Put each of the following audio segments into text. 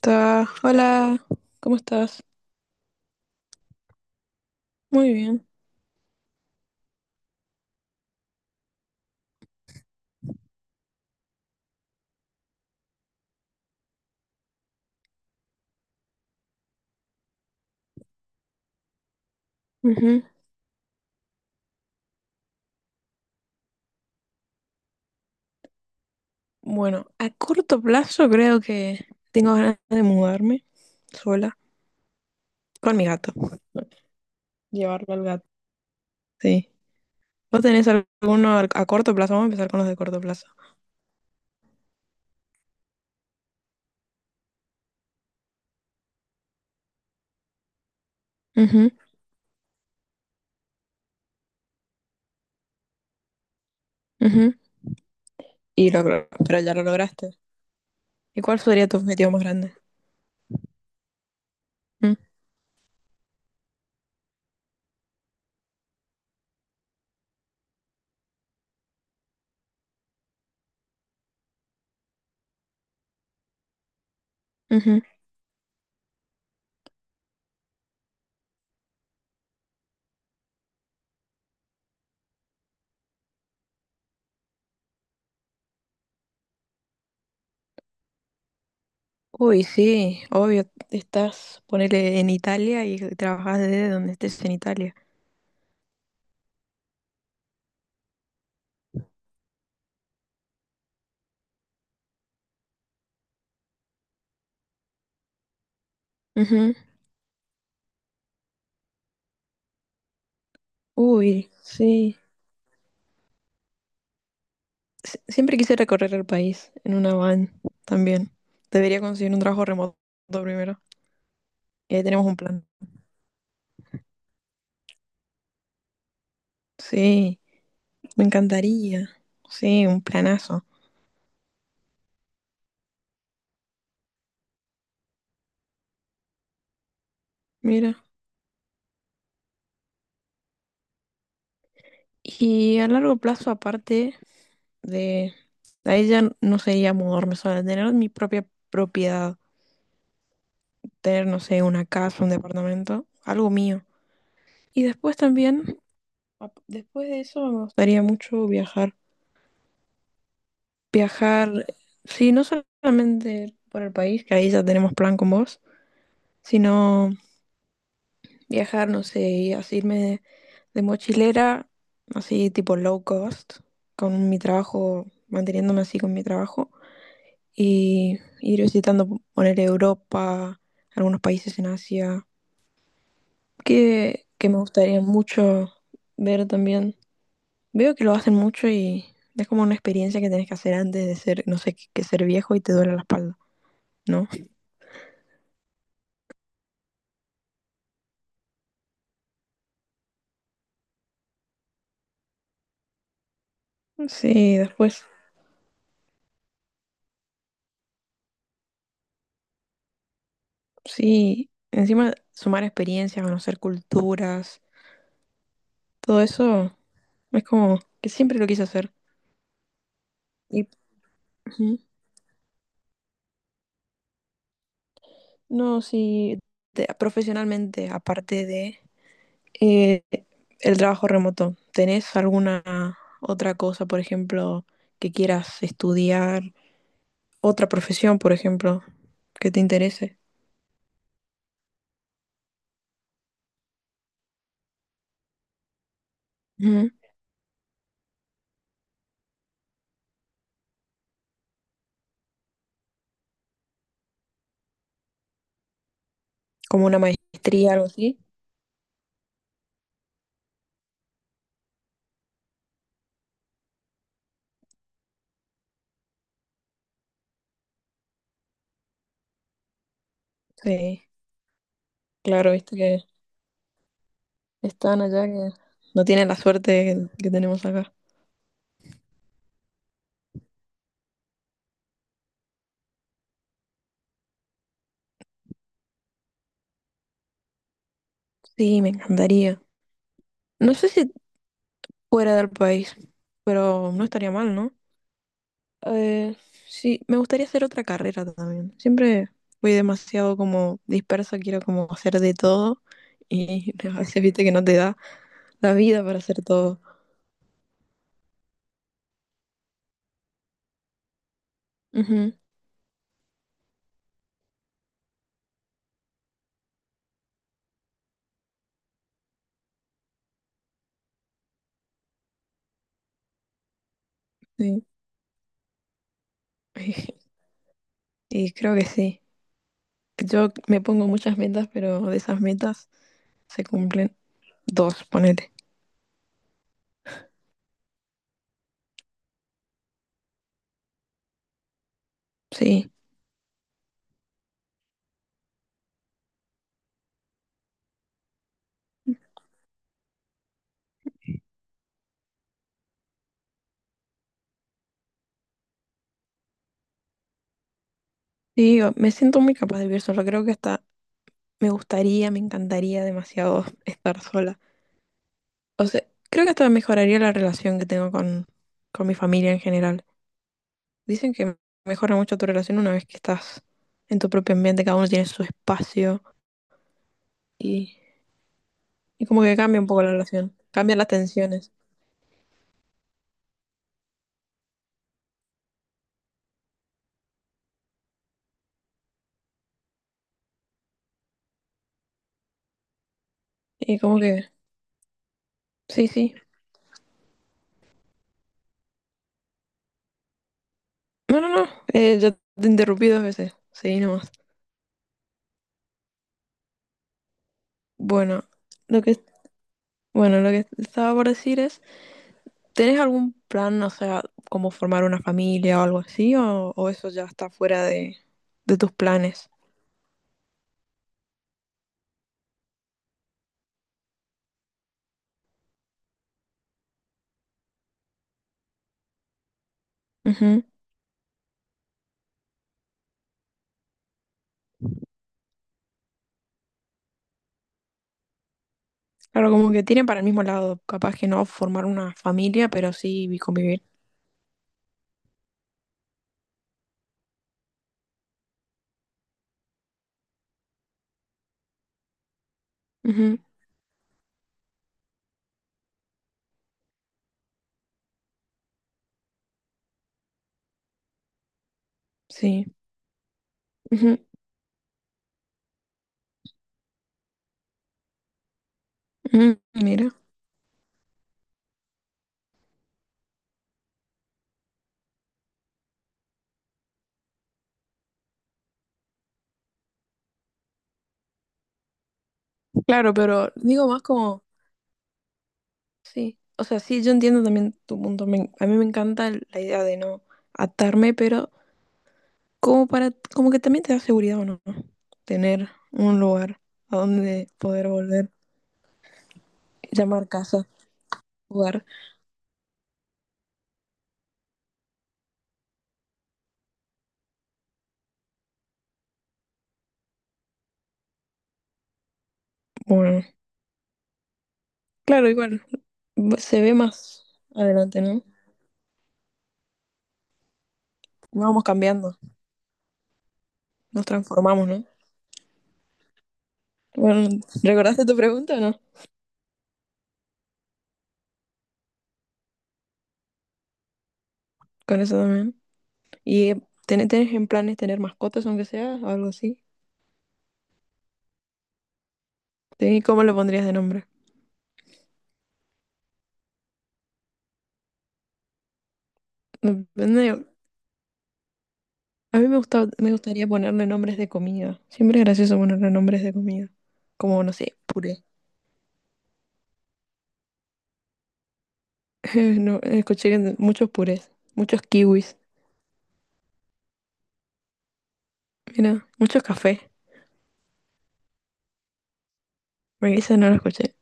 Hola, ¿cómo estás? Muy bien. Ujú. Bueno, a corto plazo creo que tengo ganas de mudarme sola con mi gato. Llevarlo al gato. Sí. ¿Vos tenés alguno a corto plazo? Vamos a empezar con los de corto plazo. Ujú, ujú. Y lo logró, pero ya lo lograste. ¿Y cuál sería tu objetivo más grande? Mm, ujú. Uy, sí, obvio, estás, ponele en Italia y trabajas desde donde estés en Italia. Ujú. Uy, sí. Siempre quise recorrer el país en una van también. Debería conseguir un trabajo remoto primero. Y ahí tenemos un plan. Sí, me encantaría. Sí, un planazo. Mira. Y a largo plazo, aparte de... Ahí ya no sería mudarme sola, tener mi propia propiedad, tener, no sé, una casa, un departamento, algo mío. Y después también, después de eso, me gustaría mucho viajar. Viajar, sí, no solamente por el país, que ahí ya tenemos plan con vos, sino viajar, no sé, y así irme de mochilera, así tipo low cost, con mi trabajo, manteniéndome así con mi trabajo, y ir visitando, poner Europa, algunos países en Asia, que me gustaría mucho ver también. Veo que lo hacen mucho y es como una experiencia que tenés que hacer antes de ser, no sé, que ser viejo y te duele la espalda, ¿no? Sí, después, sí, encima sumar experiencia, conocer culturas, todo eso es como que siempre lo quise hacer. Y ujú. No, sí, profesionalmente, aparte de eh, el trabajo remoto, ¿tenés alguna otra cosa, por ejemplo, que quieras estudiar, otra profesión, por ejemplo, que te interese? Ujú. Como una maestría, algo así. Sí, claro, viste que están allá que no tienen la suerte que tenemos acá. Sí, me encantaría. No sé si fuera del país, pero no estaría mal, ¿no? Eh, sí, me gustaría hacer otra carrera también. Siempre fui demasiado como dispersa, quiero como hacer de todo y a veces viste que no te da la vida para hacer todo. Ujú, sí. Y creo que sí. Yo me pongo muchas metas, pero de esas metas se cumplen dos, ponete. Sí. Sí, me siento muy capaz de vivir sola. Creo que hasta me gustaría, me encantaría demasiado estar sola. O sea, creo que hasta mejoraría la relación que tengo con mi familia en general. Dicen que mejora mucho tu relación una vez que estás en tu propio ambiente, cada uno tiene su espacio y, y como que cambia un poco la relación, cambian las tensiones. Y como que, sí, sí. No, no, no, ya te interrumpí dos veces. Seguí nomás. Bueno, lo que, bueno, lo que estaba por decir es... ¿Tenés algún plan, o sea, como formar una familia o algo así? O eso ya está fuera de tus planes? Ujú. Claro, como que tienen para el mismo lado. Capaz que no formar una familia, pero sí convivir. Ujú, sí. Ujú, ujú, mira. Claro, pero digo más como, sí. O sea, sí, yo entiendo también tu punto. A mí me encanta la idea de no atarme, pero como para, como que también te da seguridad o no, tener un lugar a donde poder volver, llamar casa. Jugar. Bueno, claro, igual, se ve más adelante, ¿no? Vamos cambiando, nos transformamos, ¿no? Bueno, ¿recordaste tu pregunta o no? Con eso también. ¿Y tenés en planes tener mascotas, aunque sea, o algo así? ¿Y cómo le pondrías de nombre? Depende. A mí me gusta, me gustaría ponerle nombres de comida. Siempre es gracioso ponerle nombres de comida. Como, no sé, puré. No, escuché que muchos purés, muchos kiwis. Mira, muchos cafés. Me dicen, no lo escuché.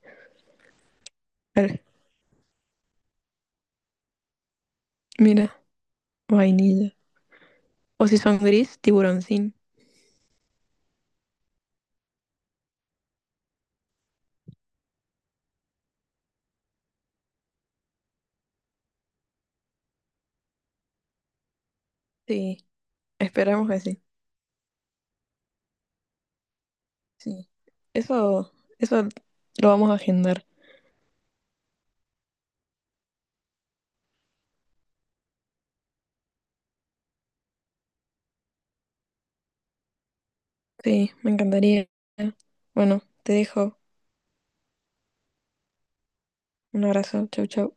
Vale, mira. Vainilla. O si son gris, tiburoncín. Sí, esperamos que sí. Sí. Eso, eso lo vamos a agendar. Sí, me encantaría. Bueno, te dejo. Un abrazo. Chau, chau.